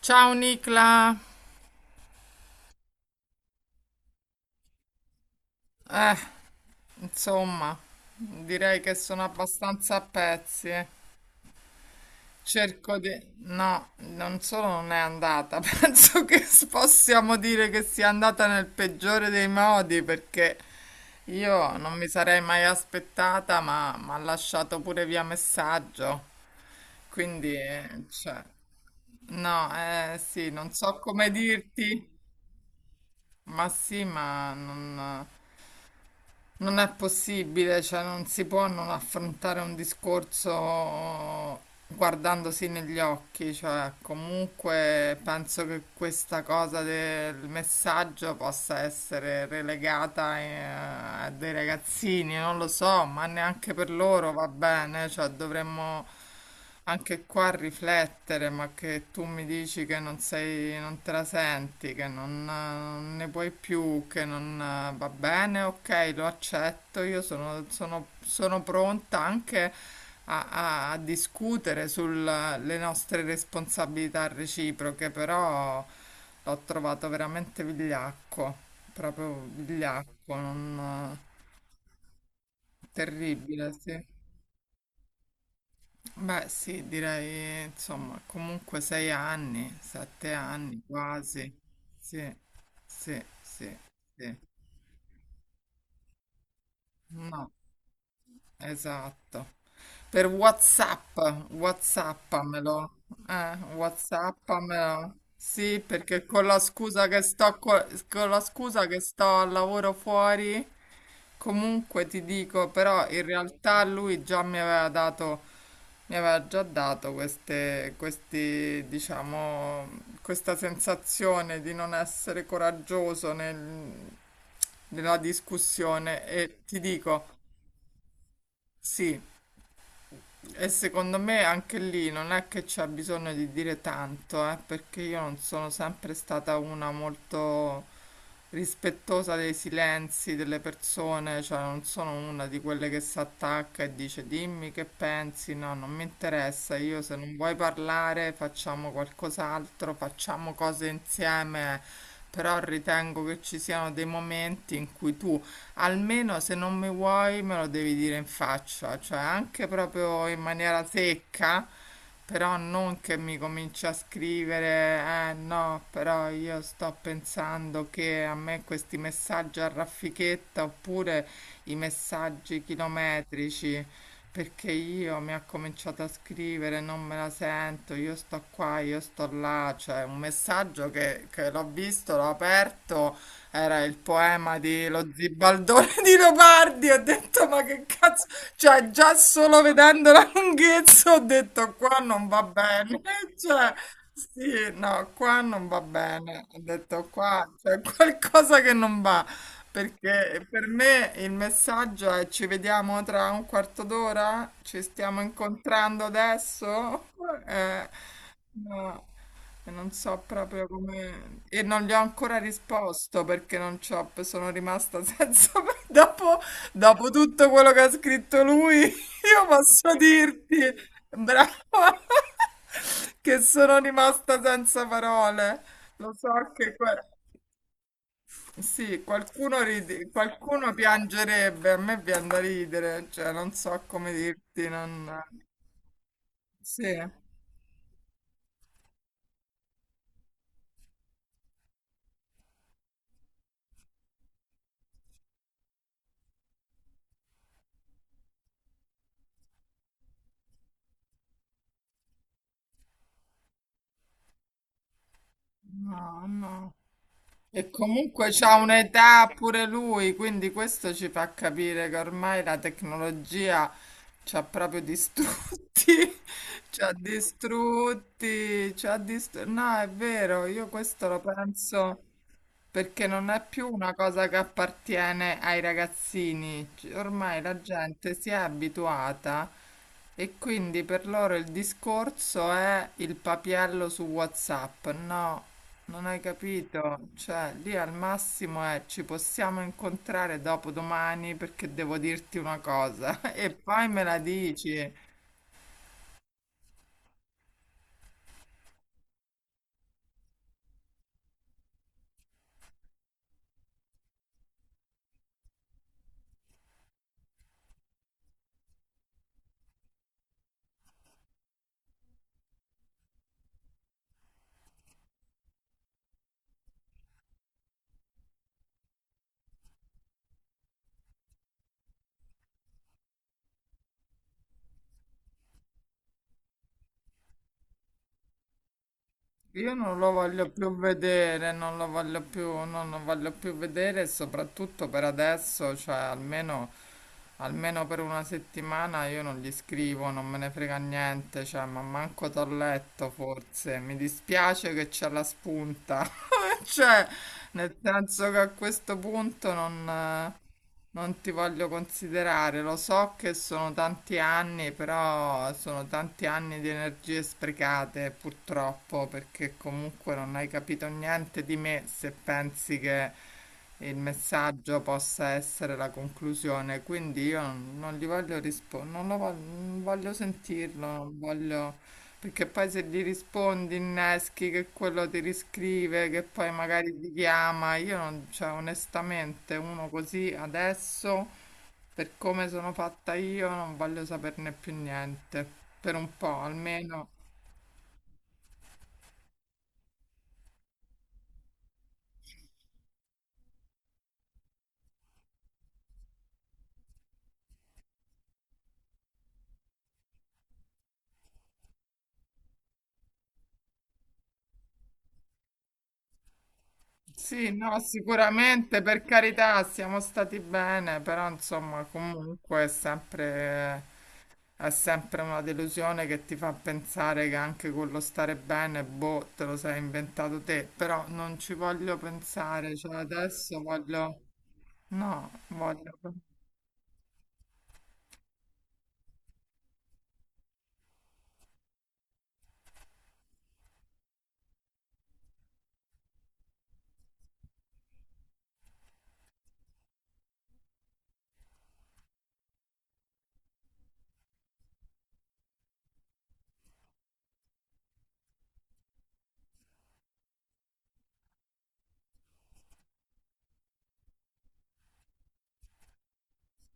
Ciao Nicla, eh, insomma, direi che sono abbastanza a pezzi. Eh. Cerco di... No, non solo non è andata, penso che possiamo dire che sia andata nel peggiore dei modi perché io non mi sarei mai aspettata, ma mi ha lasciato pure via messaggio. Quindi, cioè, no, eh sì, non so come dirti. Ma sì, non è possibile, cioè non si può non affrontare un discorso guardandosi negli occhi, cioè comunque penso che questa cosa del messaggio possa essere relegata a dei ragazzini, non lo so, ma neanche per loro va bene, cioè dovremmo anche qua a riflettere, ma che tu mi dici che non sei, non te la senti, che non, non ne puoi più, che non va bene, ok, lo accetto, io sono pronta anche a discutere sulle nostre responsabilità reciproche, però l'ho trovato veramente vigliacco, proprio vigliacco, non, terribile, sì. Beh, sì, direi, insomma, comunque 6 anni, 7 anni quasi. Sì, sì, sì, sì. No, esatto. Per WhatsApp, WhatsAppamelo. WhatsAppamelo. Sì, perché con la scusa che con la scusa che sto al lavoro fuori, comunque ti dico, però in realtà lui già mi aveva dato, mi aveva già dato diciamo, questa sensazione di non essere coraggioso nella discussione e ti dico, sì. E secondo me anche lì non è che c'è bisogno di dire tanto, perché io non sono sempre stata una molto rispettosa dei silenzi delle persone, cioè non sono una di quelle che si attacca e dice dimmi che pensi, no, non mi interessa, io se non vuoi parlare facciamo qualcos'altro, facciamo cose insieme, però ritengo che ci siano dei momenti in cui tu almeno se non mi vuoi me lo devi dire in faccia, cioè anche proprio in maniera secca, però non che mi cominci a scrivere, eh no, però io sto pensando che a me questi messaggi a raffichetta oppure i messaggi chilometrici. Perché io mi ha cominciato a scrivere, non me la sento, io sto qua, io sto là, cioè un messaggio che l'ho visto, l'ho aperto, era il poema di Lo Zibaldone di Leopardi. Ho detto, ma che cazzo? Cioè, già solo vedendo la lunghezza ho detto, qua non va bene. Cioè, sì, no, qua non va bene. Ho detto, qua c'è qualcosa che non va. Perché per me il messaggio è ci vediamo tra un quarto d'ora? Ci stiamo incontrando adesso? Eh, no. E non so proprio come... E non gli ho ancora risposto perché non c'ho... sono rimasta senza... Dopo, dopo tutto quello che ha scritto lui, io posso dirti, brava, che sono rimasta senza parole. Lo so che... que- Sì, qualcuno, ride- qualcuno piangerebbe, a me viene da ridere, cioè non so come dirti, non... Sì, no, no. E comunque c'ha un'età pure lui, quindi questo ci fa capire che ormai la tecnologia ci ha proprio distrutti, ci ha distrutti, ci ha distrutti. No, è vero, io questo lo penso. Perché non è più una cosa che appartiene ai ragazzini, C- ormai la gente si è abituata e quindi per loro il discorso è il papiello su WhatsApp. No, non hai capito? Cioè, lì al massimo è ci possiamo incontrare dopo domani perché devo dirti una cosa e poi me la dici. Io non lo voglio più vedere, non lo voglio più, non lo voglio più vedere, e soprattutto per adesso, cioè almeno, almeno per 1 settimana io non gli scrivo, non me ne frega niente, cioè, ma manco t'ho letto forse, mi dispiace che c'è la spunta, cioè, nel senso che a questo punto non... non ti voglio considerare, lo so che sono tanti anni, però sono tanti anni di energie sprecate purtroppo, perché comunque non hai capito niente di me se pensi che il messaggio possa essere la conclusione. Quindi io non gli voglio rispondere, non lo voglio, non voglio sentirlo, non voglio... Perché poi se gli rispondi inneschi che quello ti riscrive, che poi magari ti chiama, io non, cioè onestamente uno così adesso, per come sono fatta io, non voglio saperne più niente, per un po' almeno. Sì, no, sicuramente, per carità, siamo stati bene, però insomma comunque è sempre è sempre una delusione che ti fa pensare che anche quello stare bene, boh, te lo sei inventato te, però non ci voglio pensare, cioè adesso voglio, no, voglio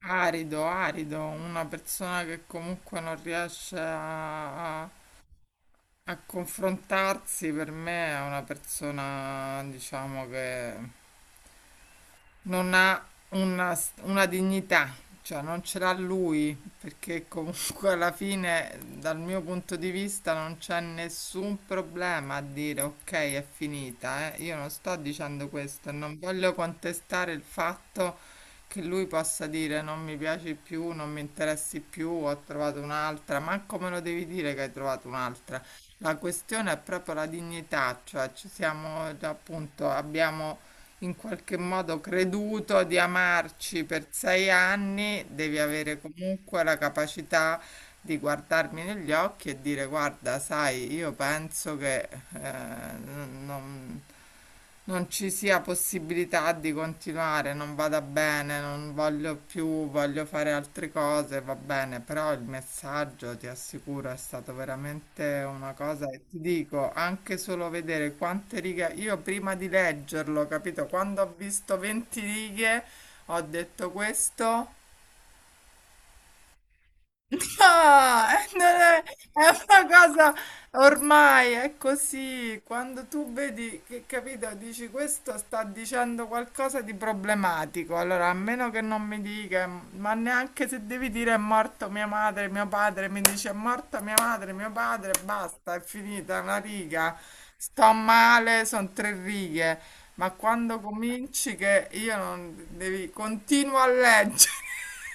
arido, arido, una persona che comunque non riesce a confrontarsi per me è una persona, diciamo che non ha una, una dignità, cioè non ce l'ha lui, perché comunque alla fine, dal mio punto di vista, non c'è nessun problema a dire ok, è finita, eh. Io non sto dicendo questo, e non voglio contestare il fatto che lui possa dire non mi piaci più, non mi interessi più, ho trovato un'altra, manco me lo devi dire che hai trovato un'altra. La questione è proprio la dignità, cioè ci siamo, appunto, abbiamo in qualche modo creduto di amarci per 6 anni, devi avere comunque la capacità di guardarmi negli occhi e dire guarda, sai, io penso che eh, non, non ci sia possibilità di continuare, non vada bene, non voglio più, voglio fare altre cose, va bene, però il messaggio, ti assicuro, è stato veramente una cosa che ti dico, anche solo vedere quante righe, io prima di leggerlo, capito, quando ho visto 20 righe, ho detto questo No, non è, è una cosa ormai è così. Quando tu vedi che, capito, dici questo sta dicendo qualcosa di problematico. Allora, a meno che non mi dica, ma neanche se devi dire è morto mia madre, mio padre, mi dice è morta mia madre, mio padre, basta, è finita una riga. Sto male, sono 3 righe. Ma quando cominci che io non devi, continuo a leggere.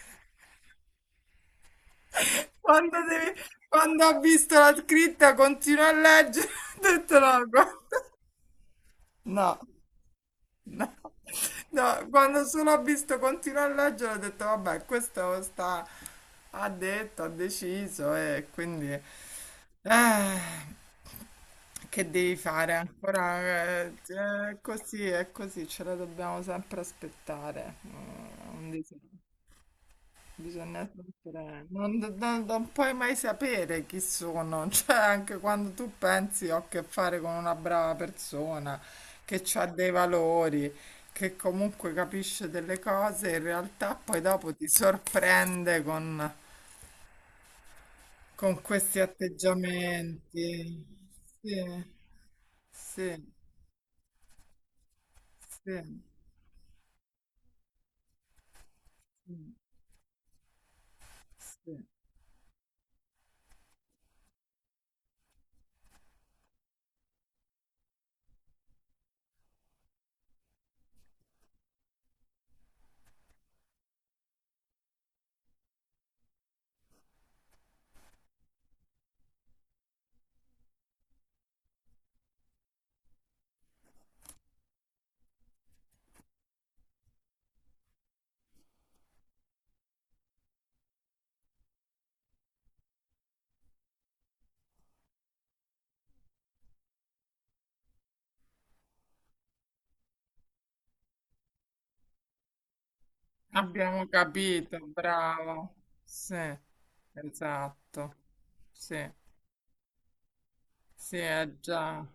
Quando, deve- quando ha visto la scritta continua a leggere, ha detto no, guarda. No, no, no, quando solo ha visto continua a leggere, ha detto vabbè, questo sta, ha detto, ha deciso e quindi eh, che devi fare ancora? Cioè, è così, è così, ce la dobbiamo sempre aspettare. Mm, un disastro. Bisogna sempre, non puoi mai sapere chi sono, cioè anche quando tu pensi ho a che fare con una brava persona, che ha dei valori, che comunque capisce delle cose, in realtà poi dopo ti sorprende con, questi atteggiamenti. Sì, sì, sì, sì, sì. Abbiamo capito, bravo. Sì, esatto. Sì. Sì, è già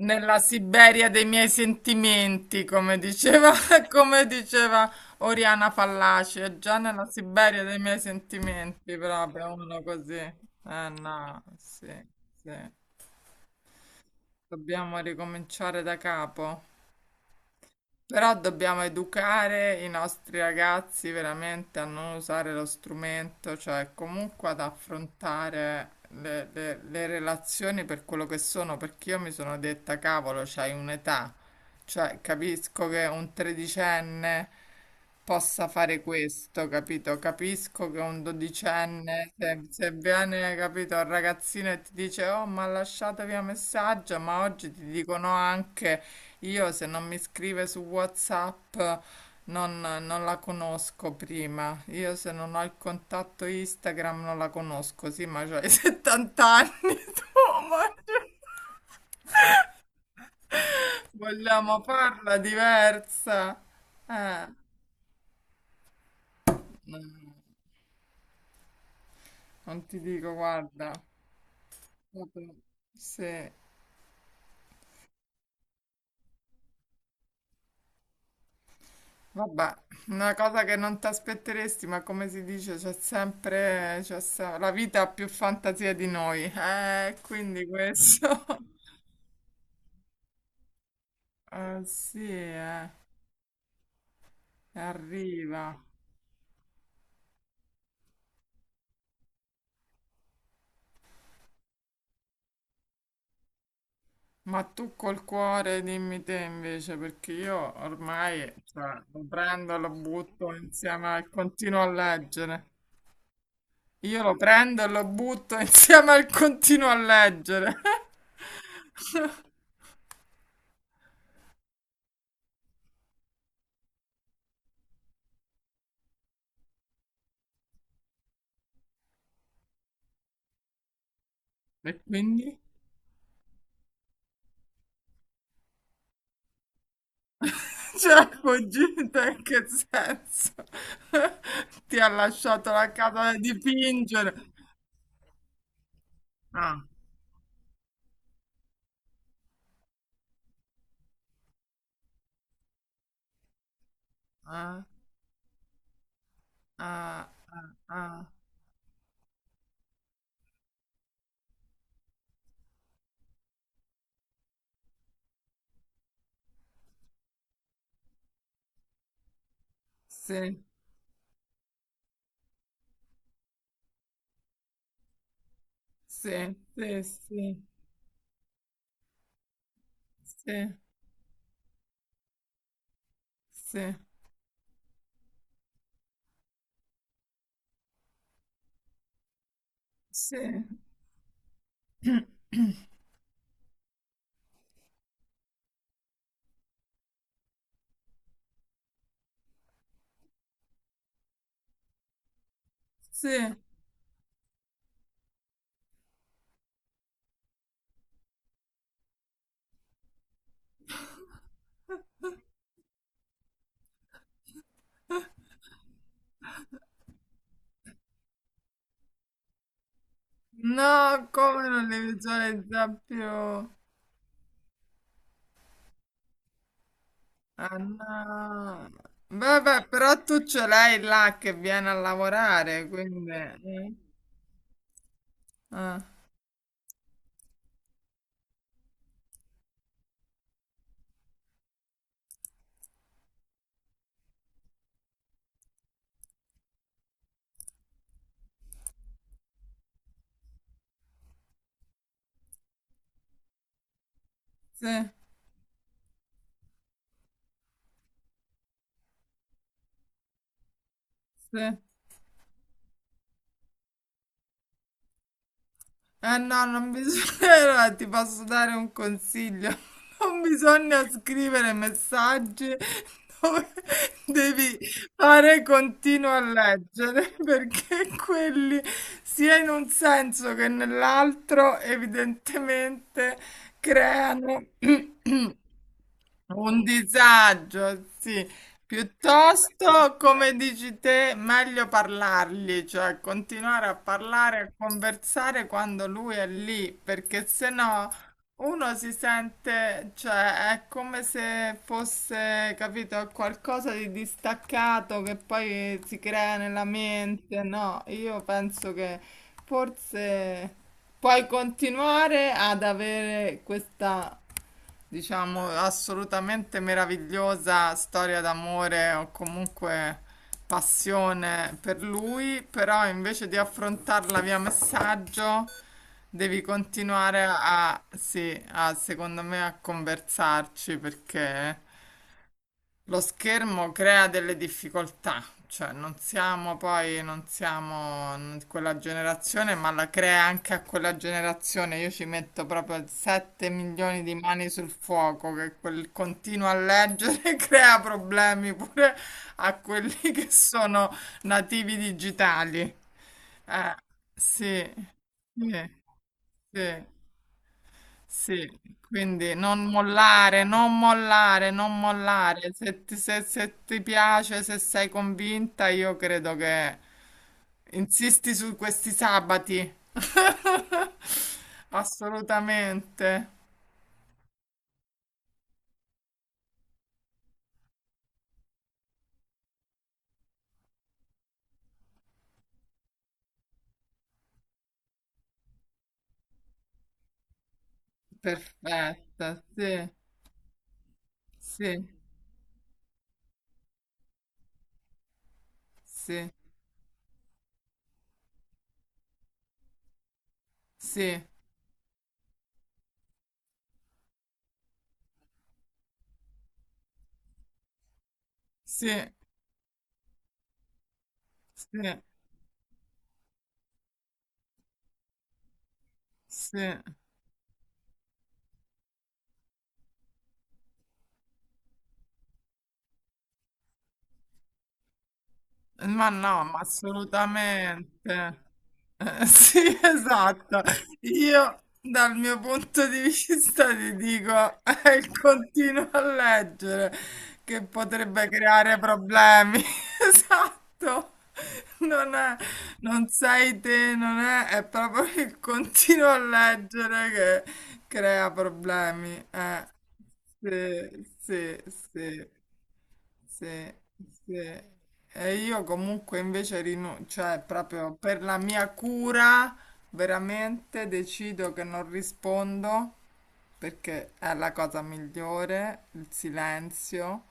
nella Siberia dei miei sentimenti, come diceva, come diceva Oriana Fallaci, è già nella Siberia dei miei sentimenti, proprio uno così. Eh no, sì, sì. Dobbiamo ricominciare da capo. Però dobbiamo educare i nostri ragazzi veramente a non usare lo strumento, cioè comunque ad affrontare le relazioni per quello che sono, perché io mi sono detta, cavolo, c'hai un'età, cioè capisco che un tredicenne possa fare questo, capito? Capisco che un dodicenne, se viene, capito, il ragazzino e ti dice, oh, ma lasciatevi un messaggio, ma oggi ti dicono anche, io se non mi scrive su WhatsApp non la conosco prima, io se non ho il contatto Instagram non la conosco, sì, ma c'hai 70 anni tu, ma vogliamo farla diversa? Eh, non ti dico, guarda. Vabbè, sì, vabbè, una cosa che non ti aspetteresti, ma come si dice, c'è sempre, c'è se- la vita ha più fantasia di noi, quindi questo, sì, arriva. Ma tu col cuore dimmi te invece, perché io ormai, cioè, lo prendo e lo butto insieme al continuo a leggere. Io lo prendo e lo butto insieme al continuo a leggere. E quindi? Cioè, fuggita in che senso? Ti ha lasciato la casa da dipingere. Ah, ah, ah, ah, sì, sì, sì, sì, sì, sì, sì, sì. No, come non li visualizza più? Ah, no. Vabbè, però tu ce l'hai là che viene a lavorare, quindi... eh? Ah, sì, sì, eh no, non bisogna, ti posso dare un consiglio. Non bisogna scrivere messaggi dove devi fare continuo a leggere, perché quelli, sia in un senso che nell'altro, evidentemente creano un disagio, sì. Piuttosto, come dici te, meglio parlargli, cioè continuare a parlare, a conversare quando lui è lì, perché sennò uno si sente, cioè è come se fosse, capito, qualcosa di distaccato che poi si crea nella mente. No, io penso che forse puoi continuare ad avere questa diciamo, assolutamente meravigliosa storia d'amore o comunque passione per lui, però invece di affrontarla via messaggio devi continuare a, sì, a, secondo me a conversarci perché lo schermo crea delle difficoltà, cioè non siamo poi, non siamo n- quella generazione, ma la crea anche a quella generazione. Io ci metto proprio 7 milioni di mani sul fuoco, che quel continuo a leggere crea problemi pure a quelli che sono nativi digitali. Eh, sì, sì, sì. Sì, quindi non mollare, non mollare, non mollare. Se ti piace, se sei convinta, io credo che insisti su questi sabati. Assolutamente. Perfetta, sì, sì, sì, sì, sì, sì, sì. Ma no, ma assolutamente. Sì, esatto. Io dal mio punto di vista ti dico, continua a leggere che potrebbe creare problemi. Esatto. Non è, non sei te, non è, è proprio il continuo a leggere che crea problemi. Sì, sì, sì. Sì, sì. E io comunque invece rinuncio, cioè proprio per la mia cura veramente decido che non rispondo, perché è la cosa migliore, il silenzio.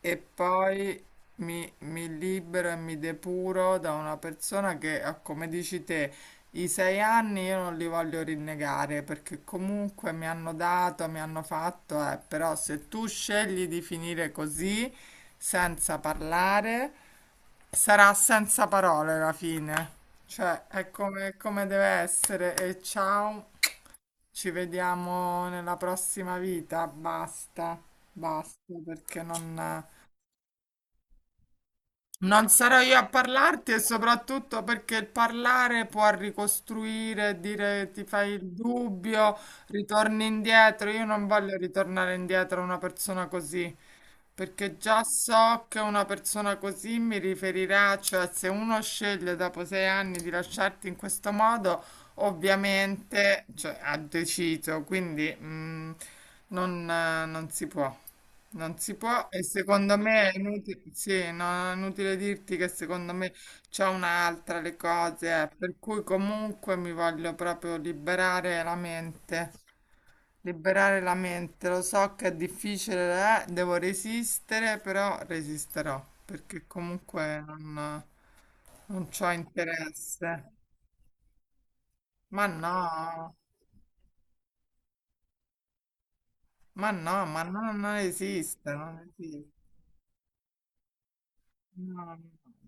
E poi mi libero e mi depuro da una persona che, ah, come dici te, i 6 anni io non li voglio rinnegare, perché comunque mi hanno dato, mi hanno fatto, però se tu scegli di finire così, senza parlare, sarà senza parole la fine. Cioè, è come, come deve essere. E ciao, ci vediamo nella prossima vita. Basta, basta, perché non... Non sarò io a parlarti, e soprattutto perché il parlare può ricostruire, dire ti fai il dubbio, ritorni indietro. Io non voglio ritornare indietro a una persona così, perché già so che una persona così mi riferirà, cioè se uno sceglie dopo 6 anni di lasciarti in questo modo, ovviamente, cioè, ha deciso, quindi non non si può. Non si può, e secondo me è inutile, sì, no, no, è inutile dirti che secondo me c'è un'altra le cose, per cui comunque mi voglio proprio liberare la mente, lo so che è difficile, devo resistere, però resisterò, perché comunque non c'ho interesse. Ma no, ma no, ma no, non esiste, non esiste. No, no. No.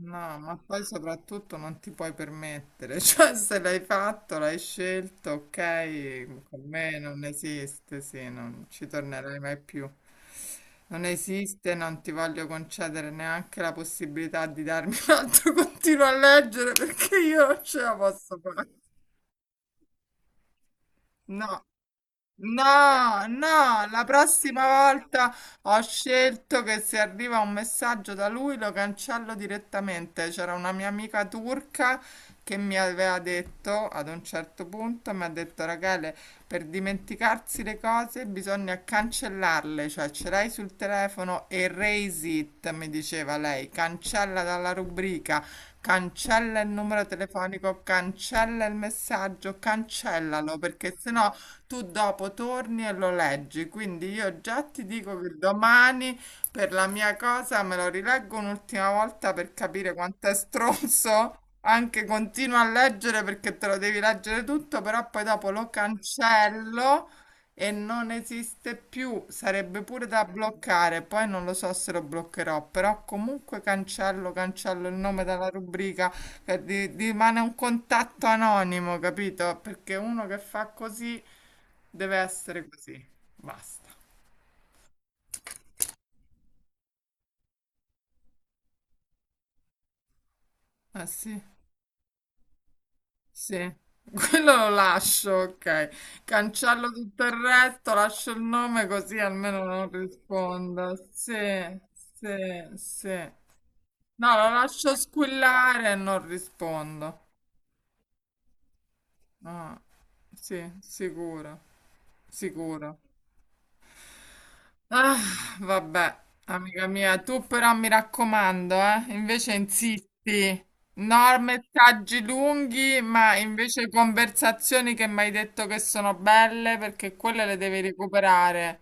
No, ma poi soprattutto non ti puoi permettere, cioè se l'hai fatto, l'hai scelto, ok, con me non esiste, sì, non ci tornerai mai più. Non esiste, non ti voglio concedere neanche la possibilità di darmi un altro continuo a leggere, perché io non ce la posso fare. No. No, no, la prossima volta ho scelto che se arriva un messaggio da lui lo cancello direttamente. C'era una mia amica turca che mi aveva detto ad un certo punto, mi ha detto Rachele, per dimenticarsi le cose bisogna cancellarle, cioè ce l'hai sul telefono, erase it, mi diceva lei, cancella dalla rubrica, cancella il numero telefonico, cancella il messaggio, cancellalo, perché sennò tu dopo torni e lo leggi. Quindi io già ti dico che domani per la mia cosa me lo rileggo un'ultima volta per capire quanto è stronzo. Anche continuo a leggere, perché te lo devi leggere tutto, però poi dopo lo cancello e non esiste più, sarebbe pure da bloccare, poi non lo so se lo bloccherò, però comunque cancello, cancello il nome dalla rubrica, rimane un contatto anonimo, capito? Perché uno che fa così deve essere così, basta. Ah sì? Sì, quello lo lascio, ok. Cancello tutto il resto, lascio il nome così almeno non rispondo. Sì, sì, sì. No, lo lascio squillare e non rispondo. Ah, sì, sicuro, sicuro. Ah, vabbè, amica mia, tu però mi raccomando, invece insisti. No, messaggi lunghi, ma invece conversazioni che mi hai detto che sono belle, perché quelle le devi recuperare.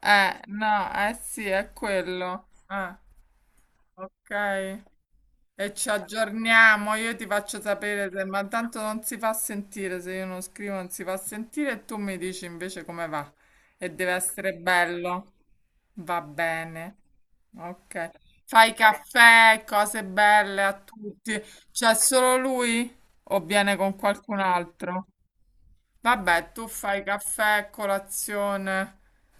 No, eh sì, è quello. Ah, ok. E ci aggiorniamo, io ti faccio sapere se, ma tanto non si fa sentire, se io non scrivo non si fa sentire, e tu mi dici invece come va. E deve essere bello. Va bene. Ok. Fai caffè, cose belle a tutti. C'è solo lui o viene con qualcun altro? Vabbè, tu fai caffè, colazione,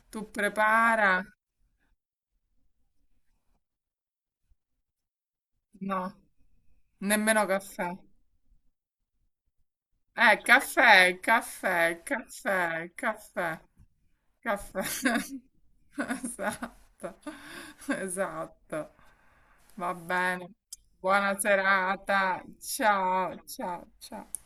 tu prepara? No, nemmeno caffè. Caffè, caffè, caffè, caffè, caffè. Esatto, esatto. Va bene. Buona serata. Ciao, ciao, ciao.